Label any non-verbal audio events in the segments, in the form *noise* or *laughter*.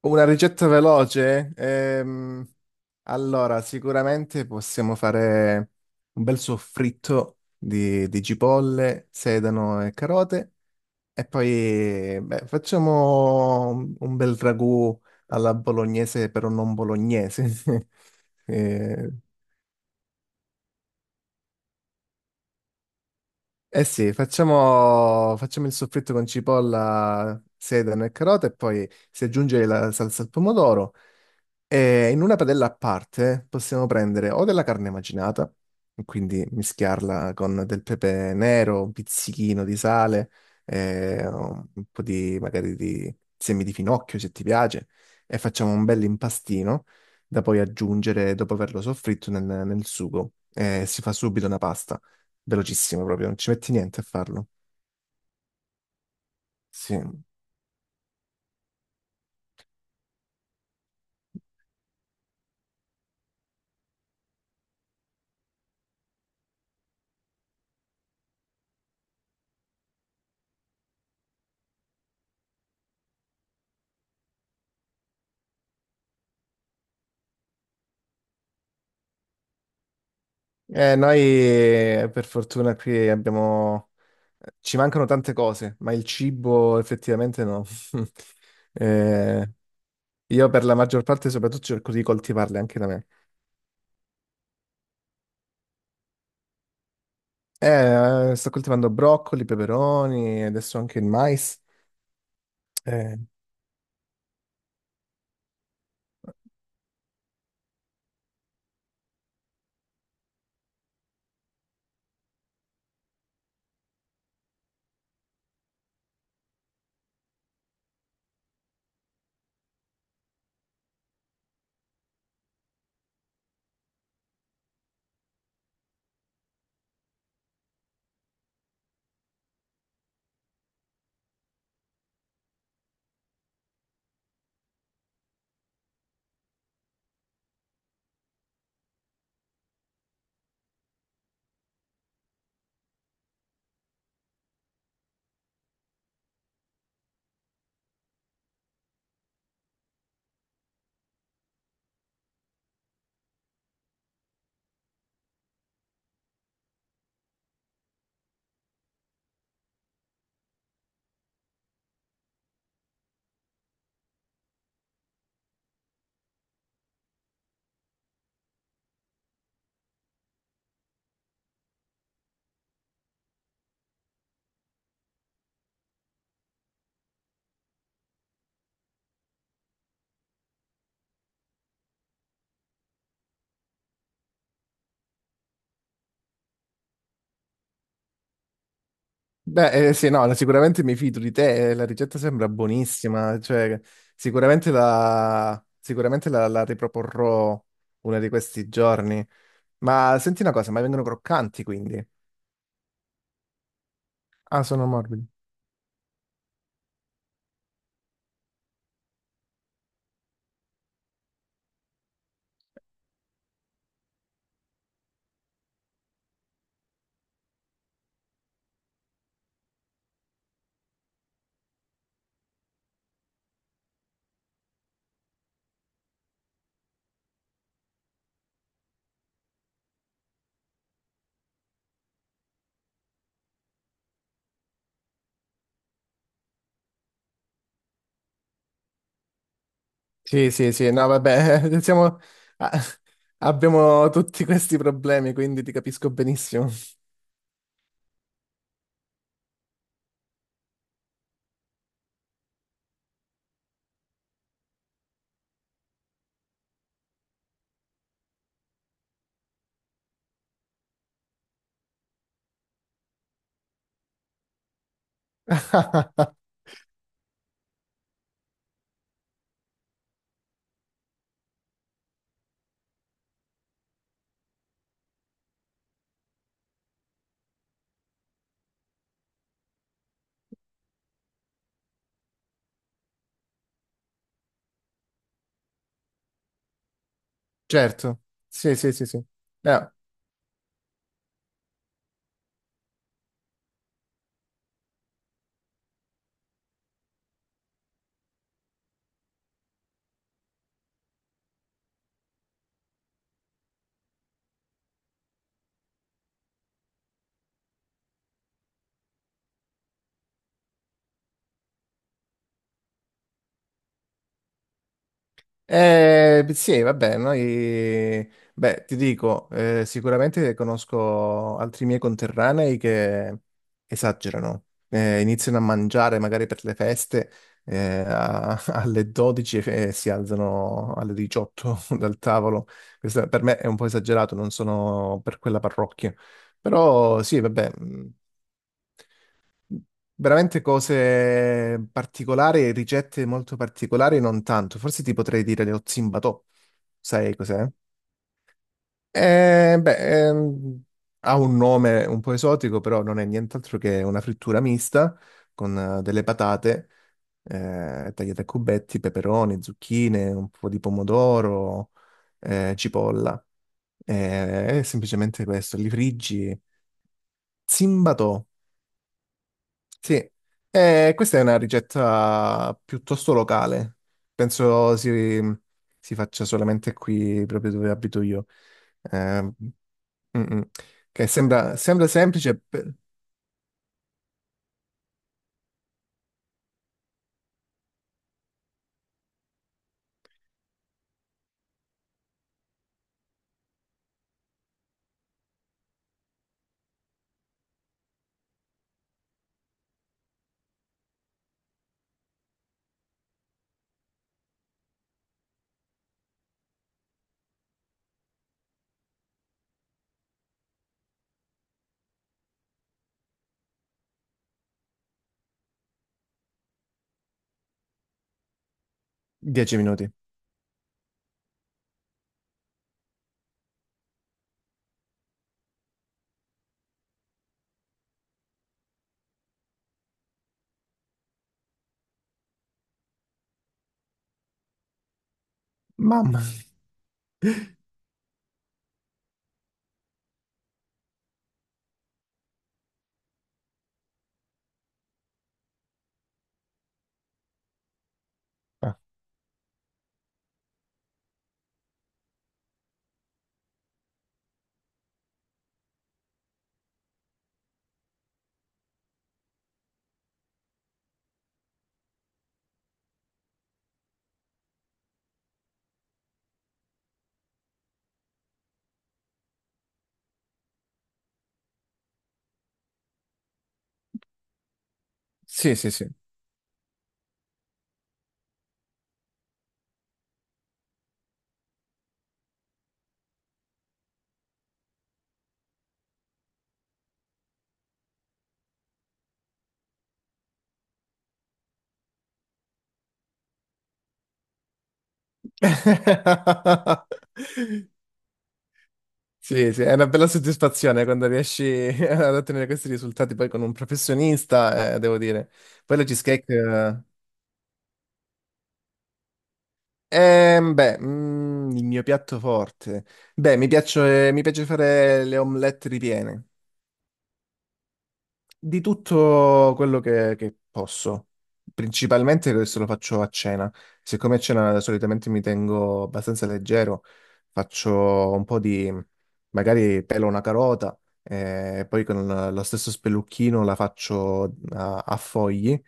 Una ricetta veloce? Allora, sicuramente possiamo fare un bel soffritto di cipolle, sedano e carote e poi beh, facciamo un bel ragù alla bolognese però non bolognese. *laughs* Eh, eh sì, facciamo il soffritto con cipolla, sedano e carote e poi si aggiunge la salsa al pomodoro. E in una padella a parte possiamo prendere o della carne macinata, quindi mischiarla con del pepe nero, un pizzichino di sale, un po' di magari di semi di finocchio se ti piace, e facciamo un bel impastino da poi aggiungere dopo averlo soffritto nel sugo. E si fa subito una pasta, velocissimo proprio, non ci metti niente a farlo. Sì. Noi per fortuna qui abbiamo. Ci mancano tante cose, ma il cibo effettivamente no. *laughs* Eh, io per la maggior parte soprattutto cerco di coltivarle anche da me. Sto coltivando broccoli, peperoni, adesso anche il mais. Eh, beh, sì, no, sicuramente mi fido di te, la ricetta sembra buonissima, cioè sicuramente la riproporrò uno di questi giorni. Ma senti una cosa, ma vengono croccanti quindi? Ah, sono morbidi. Sì, sì, sì, no, vabbè, *laughs* ah, abbiamo tutti questi problemi, quindi ti capisco benissimo. *laughs* Certo, sì, sì, sì, sì. Eh, Eh, sì, vabbè, noi, beh, ti dico, sicuramente conosco altri miei conterranei che esagerano, iniziano a mangiare magari per le feste, *laughs* alle 12 e si alzano alle 18 *laughs* dal tavolo. Questo per me è un po' esagerato, non sono per quella parrocchia. Però sì, vabbè, veramente cose particolari, ricette molto particolari, non tanto. Forse ti potrei dire lo zimbatò. Sai cos'è? Beh, ha un nome un po' esotico, però non è nient'altro che una frittura mista con delle patate tagliate a cubetti, peperoni, zucchine, un po' di pomodoro, cipolla. È semplicemente questo, li friggi. Zimbatò. Sì, questa è una ricetta piuttosto locale, penso si faccia solamente qui proprio dove abito io. Mm, mm. Che sembra semplice per 10 minuti. Mamma. Ah. Sì, sì, sì. *laughs* Sì, sì, è una bella soddisfazione quando riesci *laughs* ad ottenere questi risultati poi con un professionista, devo dire. Poi la cheesecake. Beh il mio piatto forte. Beh, mi piace fare le omelette ripiene. Di tutto quello che posso. Principalmente adesso lo faccio a cena. Siccome a cena solitamente mi tengo abbastanza leggero, faccio un po' di, magari pelo una carota e poi con lo stesso spellucchino la faccio a fogli.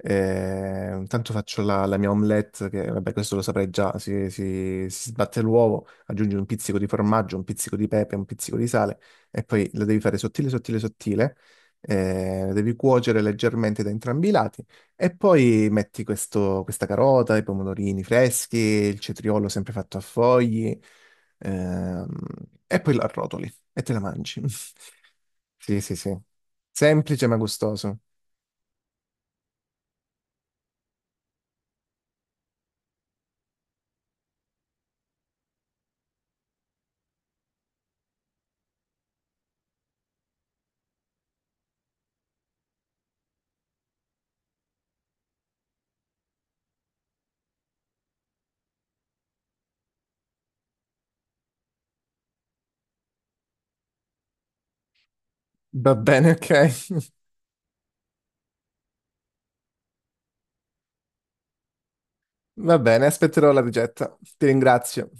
E intanto faccio la mia omelette, che vabbè questo lo saprei già, si sbatte l'uovo, aggiungi un pizzico di formaggio, un pizzico di pepe, un pizzico di sale e poi la devi fare sottile, sottile, sottile devi cuocere leggermente da entrambi i lati e poi metti questa carota, i pomodorini freschi, il cetriolo sempre fatto a fogli, ehm, e poi la arrotoli e te la mangi. *laughs* Sì, sì, sì. Semplice ma gustoso. Va bene, ok. *laughs* Va bene, aspetterò la ricetta. Ti ringrazio.